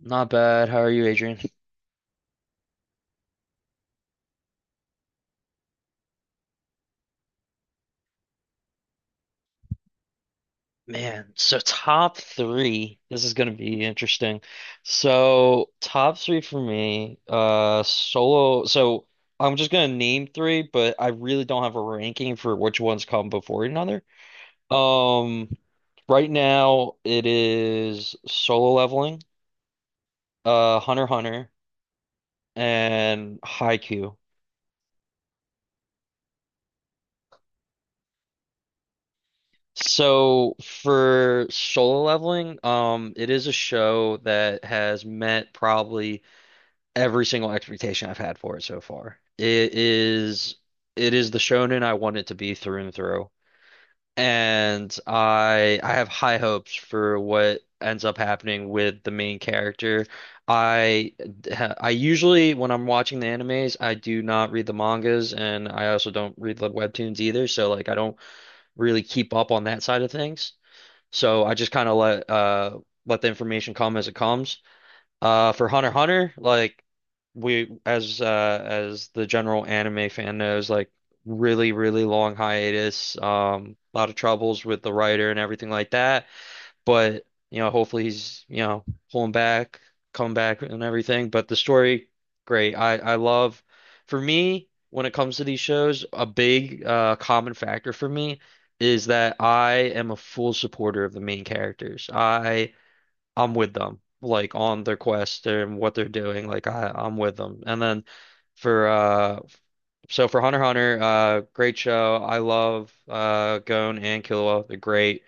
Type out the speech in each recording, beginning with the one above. Not bad. How are you, Adrian? Man, so top three. This is going to be interesting. So, top three for me, solo. So, I'm just going to name three, but I really don't have a ranking for which ones come before another. Um, right now it is solo leveling, Hunter x Hunter, and Haikyuu. So for solo leveling, it is a show that has met probably every single expectation I've had for it so far. It is the shonen I want it to be through and through. And I have high hopes for what ends up happening with the main character. I I usually when I'm watching the animes, I do not read the mangas and I also don't read the webtoons either, so like I don't really keep up on that side of things. So I just kind of let let the information come as it comes. For Hunter x Hunter, like we as the general anime fan knows, like really, really long hiatus, a lot of troubles with the writer and everything like that. But hopefully he's pulling back, come back and everything. But the story, great. I love. For me, when it comes to these shows, a big common factor for me is that I am a full supporter of the main characters. I'm with them, like on their quest and what they're doing. Like I'm with them. And then for so for Hunter x Hunter, great show. I love Gon and Killua. They're great.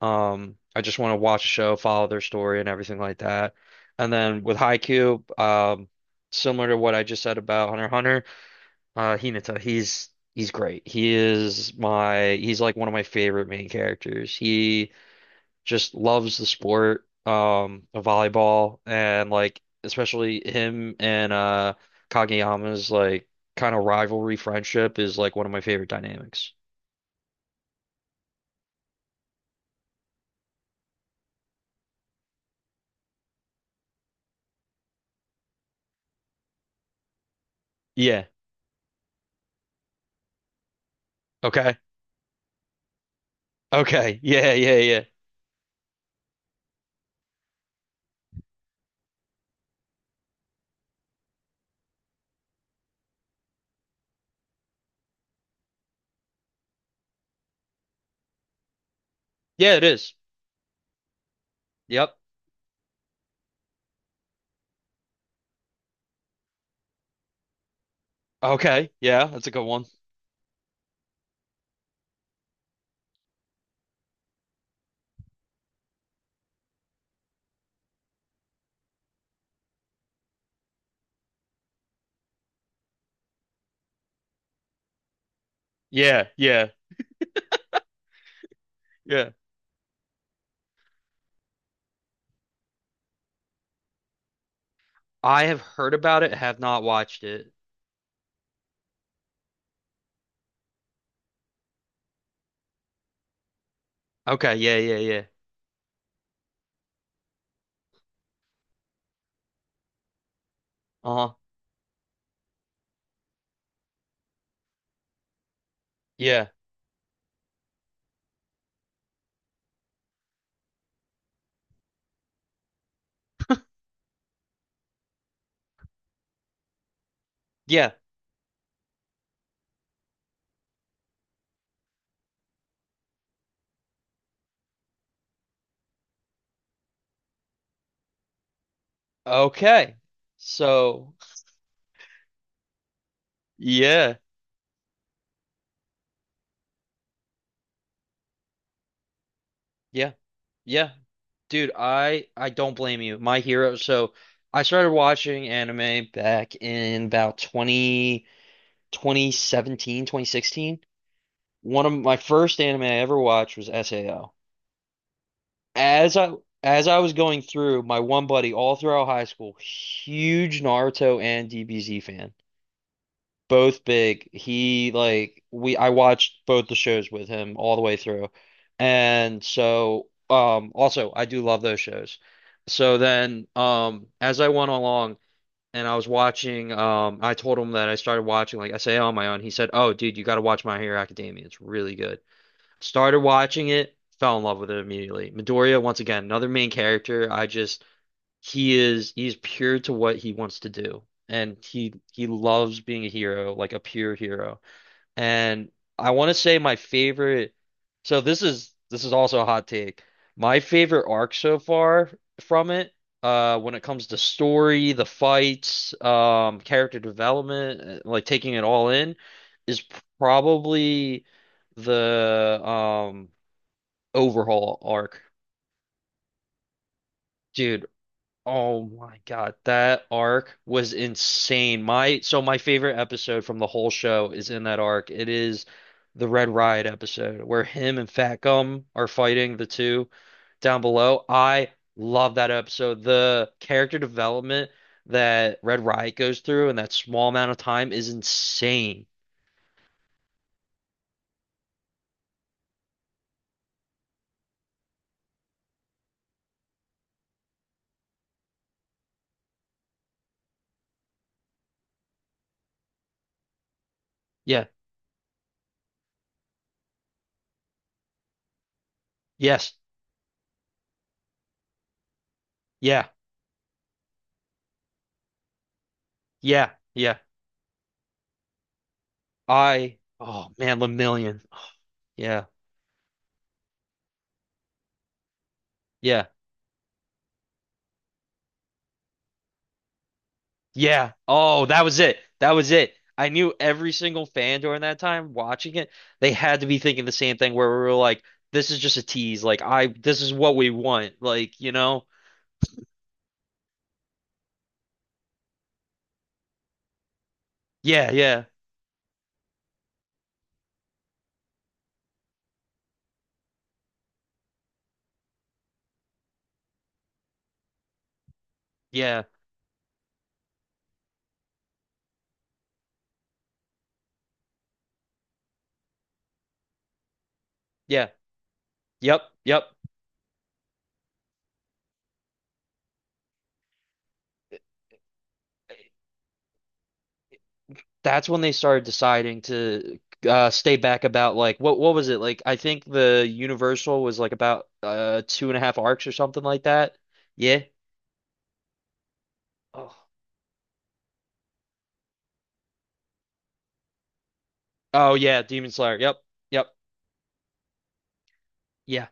I just want to watch a show, follow their story and everything like that. And then with Haikyuu, similar to what I just said about Hunter x Hunter, Hinata, he's great. He's like one of my favorite main characters. He just loves the sport of volleyball, and like especially him and Kageyama's like kind of rivalry friendship is like one of my favorite dynamics. Yeah. Okay. Okay. Yeah, yeah, yeah. Yeah, it is. Yep. Okay. Yeah, that's a good one. Yeah, yeah, yeah. I have heard about it, have not watched it. Okay, yeah, yeah, yeah. Uh-huh. Yeah. Yeah. Okay. So, yeah. Yeah. Yeah. Dude, I don't blame you. My Hero. So I started watching anime back in about 20 twenty seventeen, 2016. One of my first anime I ever watched was SAO. As I as I was going through, my one buddy all throughout high school, huge Naruto and DBZ fan. Both big. He like we I watched both the shows with him all the way through. And so also I do love those shows. So then as I went along, and I was watching I told him that I started watching, like I say, on my own. He said, "Oh dude, you got to watch My Hero Academia. It's really good." Started watching it, fell in love with it immediately. Midoriya, once again, another main character. I just he's pure to what he wants to do, and he loves being a hero, like a pure hero. And I want to say my favorite, so this is also a hot take. My favorite arc so far from it, when it comes to story, the fights, character development, like taking it all in, is probably the overhaul arc. Dude. Oh my God, that arc was insane. My so my favorite episode from the whole show is in that arc. It is the Red Riot episode where him and Fat Gum are fighting the two down below. I love that episode. The character development that Red Riot goes through in that small amount of time is insane. Yeah. Yes. Yeah. Yeah. Yeah. I oh man, Lemillion. Yeah. Yeah. Yeah. Oh, that was it. That was it. I knew every single fan during that time watching it, they had to be thinking the same thing where we were like, this is just a tease. Like I this is what we want. Like, you know? Yeah, yeah, yeah, yeah. Yep, yep. That's when they started deciding to stay back about like what was it? Like I think the Universal was like about two and a half arcs or something like that. Yeah. Oh, oh yeah, Demon Slayer. Yep. Yep. Yeah.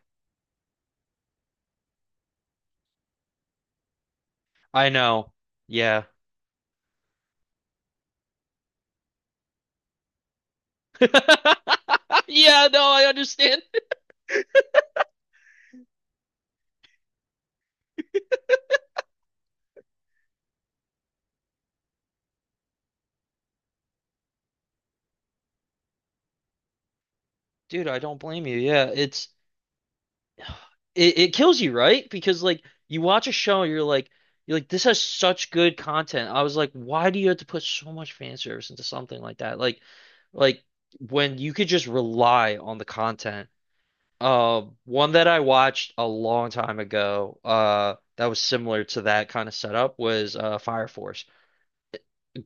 I know. Yeah. Yeah, no, I understand. Dude, I don't blame you. Yeah, it kills you, right? Because like you watch a show, you're like this has such good content. I was like, why do you have to put so much fan service into something like that? Like like when you could just rely on the content. One that I watched a long time ago, that was similar to that kind of setup was Fire Force.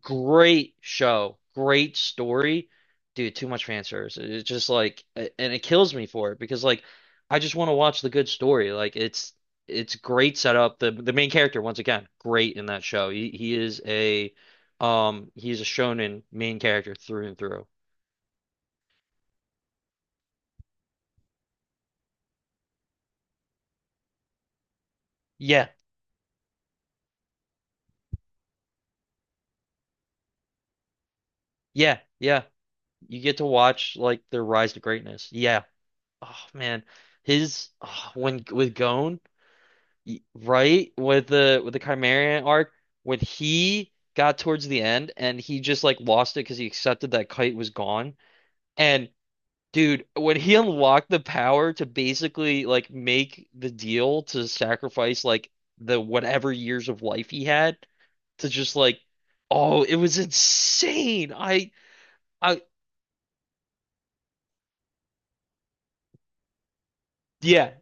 Great show, great story. Dude, too much fan service. It's just like, and it kills me for it because like, I just want to watch the good story. Like it's great setup. The main character, once again, great in that show. He's a shonen main character through and through. Yeah, yeah, yeah. You get to watch like their rise to greatness. Yeah. Oh man, his oh, when with Gon. Right with the Chimerian arc, when he got towards the end and he just like lost it because he accepted that Kite was gone. And dude, when he unlocked the power to basically like make the deal to sacrifice like the whatever years of life he had to just like, oh, it was insane. I yeah.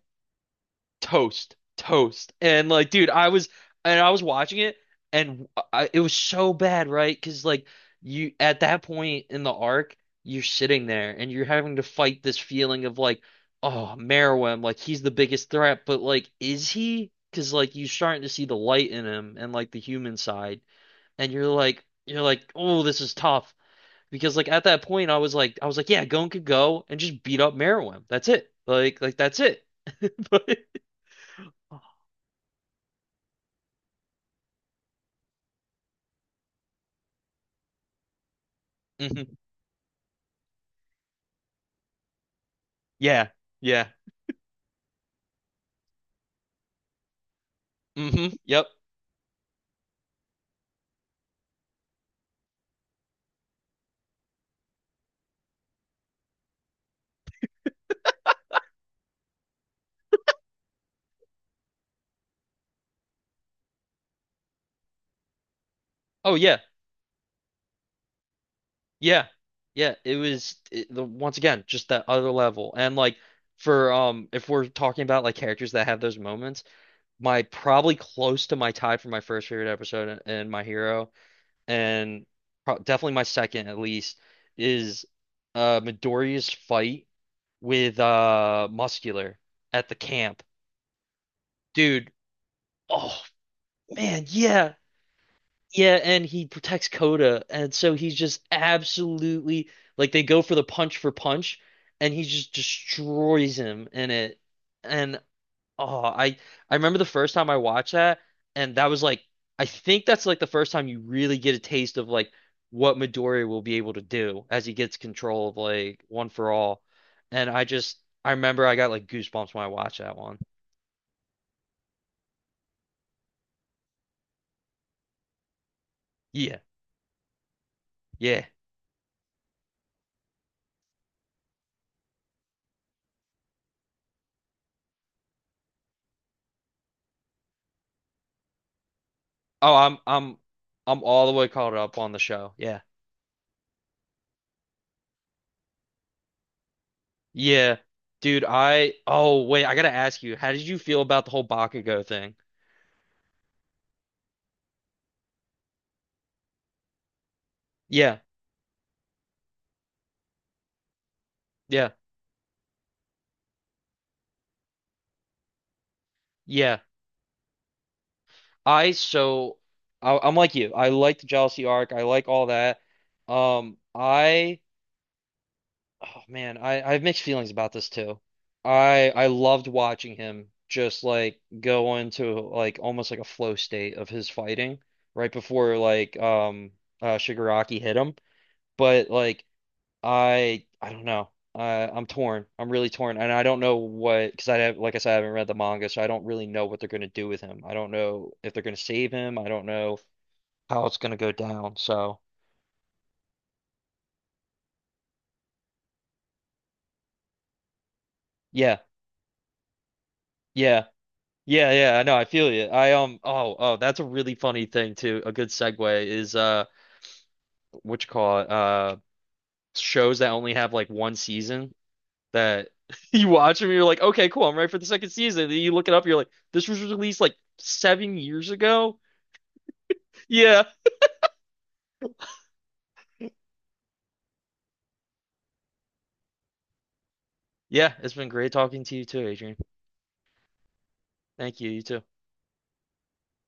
Toast, toast. And like, dude, I was and I was watching it, and it was so bad, right? Because like you, at that point in the arc, you're sitting there and you're having to fight this feeling of like, oh, Meruem, like he's the biggest threat, but like, is he? Because like you're starting to see the light in him and like the human side, and you're like, oh, this is tough. Because like at that point, I was like, yeah, Gon could go and just beat up Meruem. That's it. Like, that's it. But Mhm. Yeah. Yeah. Mm-hmm. Yep. Oh yeah. Yeah. Yeah. It was it, the once again just that other level. And like for if we're talking about like characters that have those moments, my probably close to my tie for my first favorite episode and, My Hero, and pro definitely my second at least, is Midoriya's fight with Muscular at the camp. Dude, oh man, yeah. Yeah, and he protects Coda, and so he's just absolutely like they go for the punch for punch, and he just destroys him in it. And oh, I remember the first time I watched that, and that was like I think that's like the first time you really get a taste of like what Midoriya will be able to do as he gets control of like One For All. And I remember I got like goosebumps when I watched that one. Yeah, yeah. Oh, I'm all the way caught up on the show. Yeah. Yeah. Dude, I oh wait, I gotta ask you, how did you feel about the whole Bakugo thing? Yeah, yeah, yeah. I so I'm like you. I like the jealousy arc. I like all that. I oh man, I have mixed feelings about this too. I loved watching him just like go into like almost like a flow state of his fighting right before like Shigaraki hit him. But like I don't know. I'm torn. I'm really torn, and I don't know what because I have, like I said, I haven't read the manga, so I don't really know what they're going to do with him. I don't know if they're going to save him. I don't know how it's going to go down. So yeah, yeah, yeah, yeah. I know. I feel you. I. Oh, oh, that's a really funny thing too. A good segue is what you call it? Shows that only have like one season that you watch them, you're like, okay, cool. I'm ready for the second season. Then you look it up, you're like, this was released like 7 years ago. Yeah, yeah, it's been great talking to you too, Adrian. Thank you. You too.